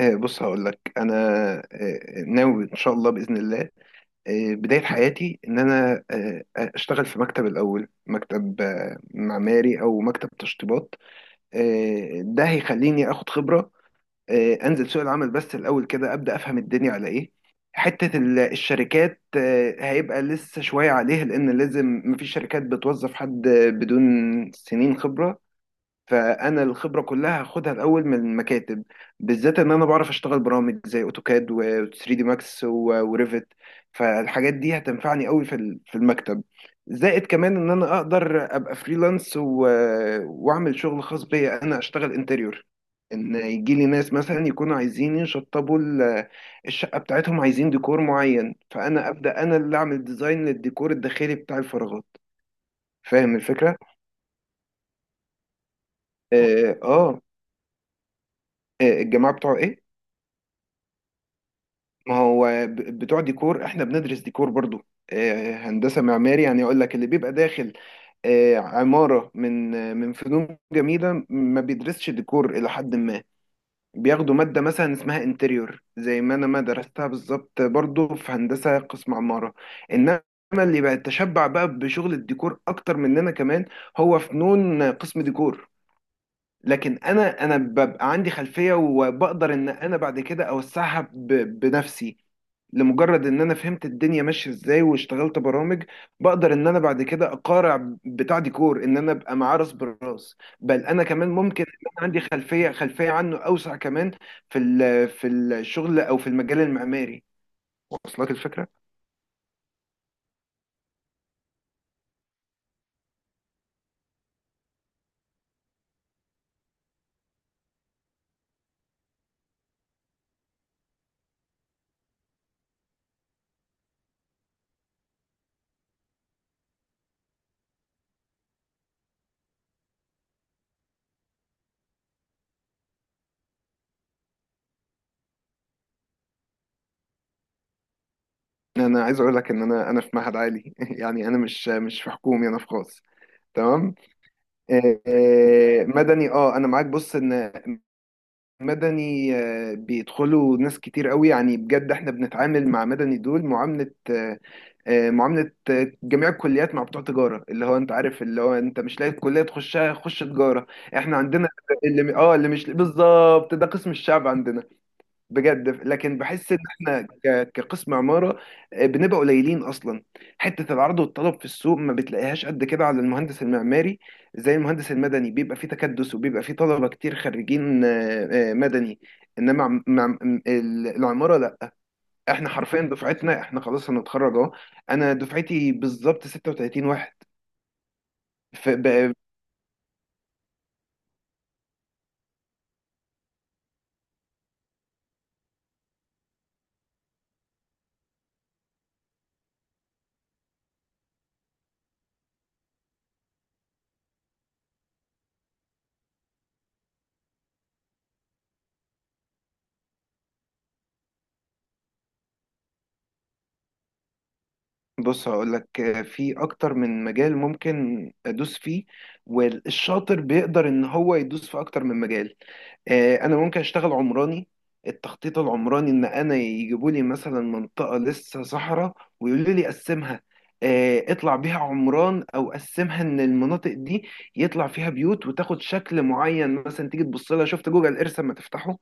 بص هقول لك انا ناوي ان شاء الله باذن الله. بدايه حياتي ان انا اشتغل في مكتب، الاول مكتب معماري او مكتب تشطيبات. ده هيخليني اخد خبره، انزل سوق العمل، بس الاول كده ابدا افهم الدنيا على ايه. حته الشركات هيبقى لسه شويه عليها، لان لازم مفيش شركات بتوظف حد بدون سنين خبره. فانا الخبره كلها هاخدها الاول من المكاتب، بالذات ان انا بعرف اشتغل برامج زي اوتوكاد و3 دي ماكس و- وريفت. فالحاجات دي هتنفعني قوي في المكتب. زائد كمان ان انا اقدر ابقى فريلانس واعمل شغل خاص بيا، انا اشتغل انتريور، ان يجي لي ناس مثلا يكونوا عايزين يشطبوا الشقه بتاعتهم، عايزين ديكور معين، فانا ابدا انا اللي اعمل ديزاين للديكور الداخلي بتاع الفراغات. فاهم الفكره؟ اه, آه. الجماعه بتوع ايه؟ ما هو بتوع ديكور، احنا بندرس ديكور برضو. هندسة معماري يعني، يقول لك اللي بيبقى داخل عمارة من فنون جميلة، ما بيدرسش ديكور إلى حد ما. بياخدوا مادة مثلا اسمها انتريور، زي ما أنا ما درستها بالظبط برضو في هندسة قسم عمارة. إنما اللي بقى تشبع بقى بشغل الديكور أكتر مننا كمان هو فنون قسم ديكور. لكن انا ببقى عندي خلفيه، وبقدر ان انا بعد كده اوسعها بنفسي، لمجرد ان انا فهمت الدنيا ماشيه ازاي واشتغلت برامج. بقدر ان انا بعد كده اقارع بتاع ديكور، ان انا ابقى معاه راس براس، بل انا كمان ممكن ان انا عندي خلفيه عنه اوسع كمان في الشغل او في المجال المعماري. وصلك الفكره؟ انا عايز اقول لك ان انا في معهد عالي يعني انا مش في حكومي، انا في خاص. تمام. مدني، اه انا معاك. بص، ان مدني بيدخلوا ناس كتير قوي يعني، بجد احنا بنتعامل مع مدني دول معاملة آه، آه، معاملة آه، جميع الكليات، مع بتوع تجارة، اللي هو انت عارف، اللي هو انت مش لاقي الكلية تخشها خش تجارة. احنا عندنا اللي مش بالظبط ده قسم الشعب عندنا بجد، لكن بحس ان احنا كقسم عمارة بنبقى قليلين اصلا. حتة العرض والطلب في السوق ما بتلاقيهاش قد كده على المهندس المعماري. زي المهندس المدني بيبقى فيه تكدس، وبيبقى فيه طلبة كتير خريجين مدني. انما العمارة لا، احنا حرفيا دفعتنا احنا خلاص هنتخرج اهو. انا دفعتي بالظبط 36 واحد. ف- ب- بص هقول لك، في اكتر من مجال ممكن ادوس فيه، والشاطر بيقدر ان هو يدوس في اكتر من مجال. انا ممكن اشتغل عمراني، التخطيط العمراني، ان انا يجيبوا لي مثلا منطقه لسه صحراء ويقولوا لي قسمها. اطلع بيها عمران، او قسمها ان المناطق دي يطلع فيها بيوت، وتاخد شكل معين. مثلا تيجي تبص لها، شفت جوجل ايرث اما تفتحه؟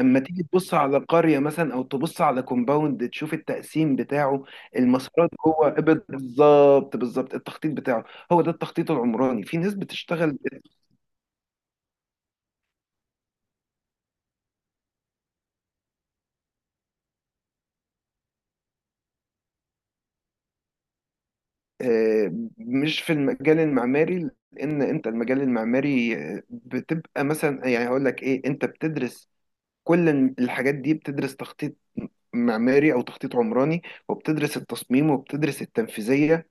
اما تيجي تبص على قريه مثلا، او تبص على كومباوند، تشوف التقسيم بتاعه، المسارات جوه. بالظبط بالظبط، التخطيط بتاعه، هو ده التخطيط العمراني، في ناس بتشتغل آه، مش في المجال المعماري. لان انت المجال المعماري بتبقى مثلا، يعني هقول لك ايه، انت بتدرس كل الحاجات دي، بتدرس تخطيط معماري او تخطيط عمراني، وبتدرس التصميم، وبتدرس التنفيذيه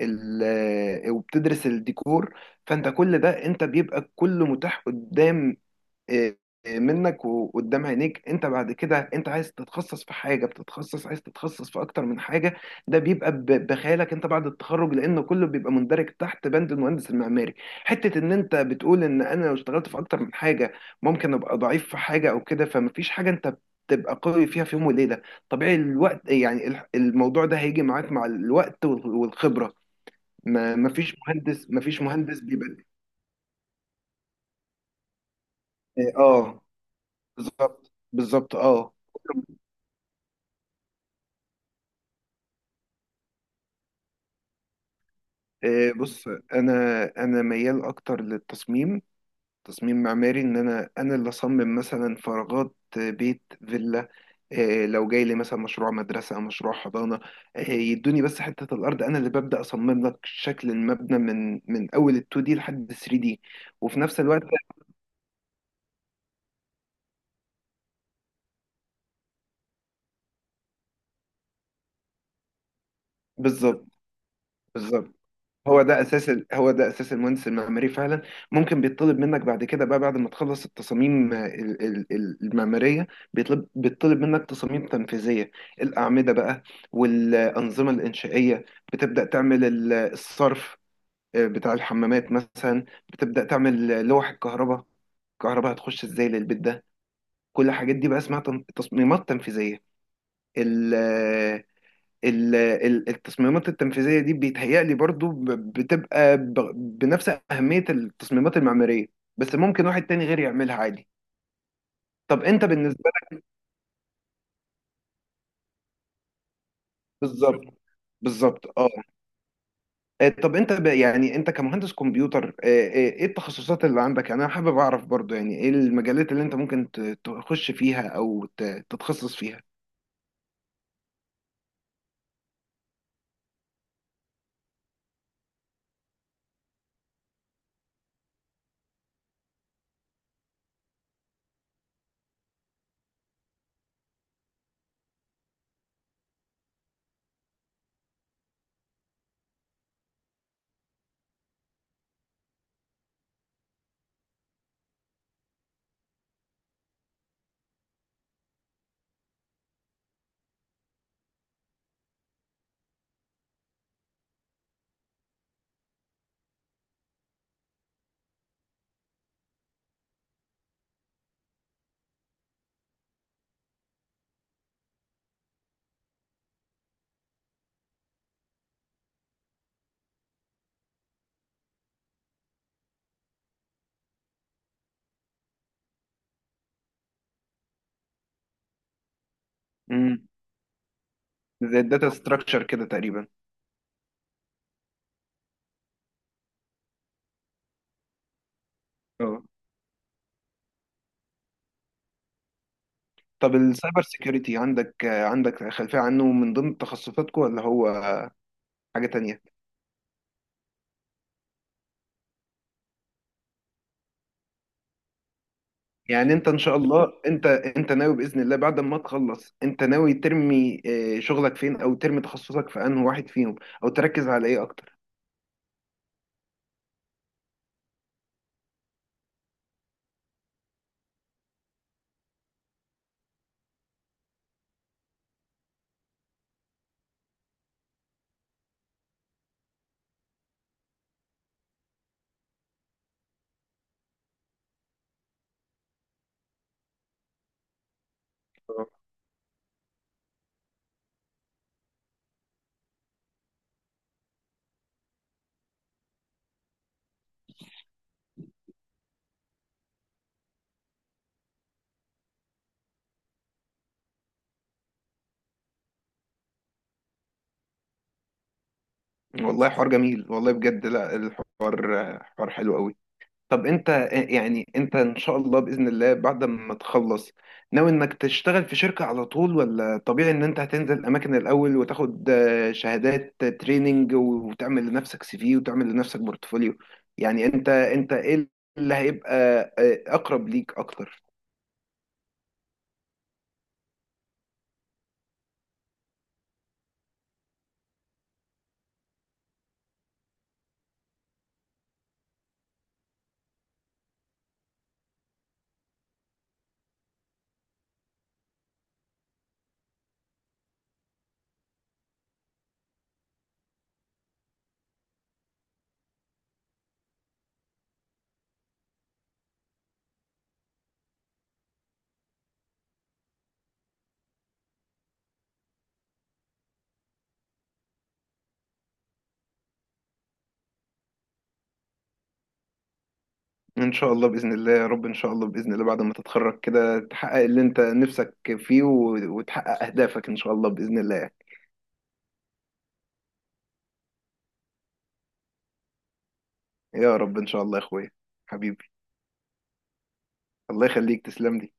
ال- وبتدرس الديكور. فانت كل ده انت بيبقى كله متاح قدام إيه، إيه، منك وقدام عينيك. انت بعد كده، انت عايز تتخصص في حاجه بتتخصص، عايز تتخصص في اكتر من حاجه، ده بيبقى بخيالك انت بعد التخرج، لان كله بيبقى مندرج تحت بند المهندس المعماري. حته ان انت بتقول ان انا لو اشتغلت في اكتر من حاجه ممكن ابقى ضعيف في حاجه او كده، فمفيش حاجه انت تبقى قوي فيها في يوم وليله. طبيعي الوقت يعني، الموضوع ده هيجي معاك مع الوقت وال- والخبره. ما مفيش مهندس بيبقى، اه بالظبط بالظبط، اه. بص، انا ميال اكتر للتصميم، تصميم معماري، ان انا اللي اصمم مثلا فراغات، بيت، فيلا. لو جاي لي مثلا مشروع مدرسه، مشروع حضانه، يدوني بس حته الارض، انا اللي ببدا اصمم لك شكل المبنى من اول ال 2 دي لحد 3 دي. وفي نفس الوقت بالظبط بالظبط، هو ده اساس المهندس المعماري فعلا. ممكن بيطلب منك بعد كده بقى، بعد ما تخلص التصاميم المعماريه، بيطلب منك تصاميم تنفيذيه، الاعمده بقى، والانظمه الانشائيه، بتبدا تعمل الصرف بتاع الحمامات مثلا، بتبدا تعمل لوح الكهرباء، الكهرباء هتخش ازاي للبيت ده. كل الحاجات دي بقى اسمها تصميمات تنفيذيه. التصميمات التنفيذية دي بيتهيألي برضو بتبقى بنفس أهمية التصميمات المعمارية، بس ممكن واحد تاني غير يعملها عادي. طب أنت بالنسبة لك، بالظبط بالظبط، اه. طب أنت يعني أنت كمهندس كمبيوتر، إيه التخصصات اللي عندك؟ يعني أنا حابب أعرف برضو، يعني إيه المجالات اللي أنت ممكن تخش فيها أو تتخصص فيها؟ امم زي الداتا ستراكشر كده تقريبا؟ اه. طب السايبر سيكيورتي عندك عندك خلفية عنه؟ من ضمن تخصصاتكم ولا هو حاجة تانية؟ يعني انت ان شاء الله، انت ناوي بإذن الله بعد ما تخلص، انت ناوي ترمي شغلك فين، او ترمي تخصصك في انهي واحد فيهم، او تركز على ايه اكتر؟ والله حوار جميل والله، بجد لا الحوار حوار حلو قوي. طب انت يعني، انت ان شاء الله باذن الله بعد ما تخلص، ناوي انك تشتغل في شركه على طول، ولا طبيعي ان انت هتنزل اماكن الاول وتاخد شهادات، تريننج، وتعمل لنفسك سي في وتعمل لنفسك بورتفوليو؟ يعني، انت ايه اللي هيبقى اقرب ليك اكتر؟ ان شاء الله باذن الله يا رب، ان شاء الله باذن الله بعد ما تتخرج كده تحقق اللي انت نفسك فيه و- وتحقق اهدافك ان شاء الله باذن الله. يا رب ان شاء الله يا اخويا، حبيبي، الله يخليك، تسلم لي.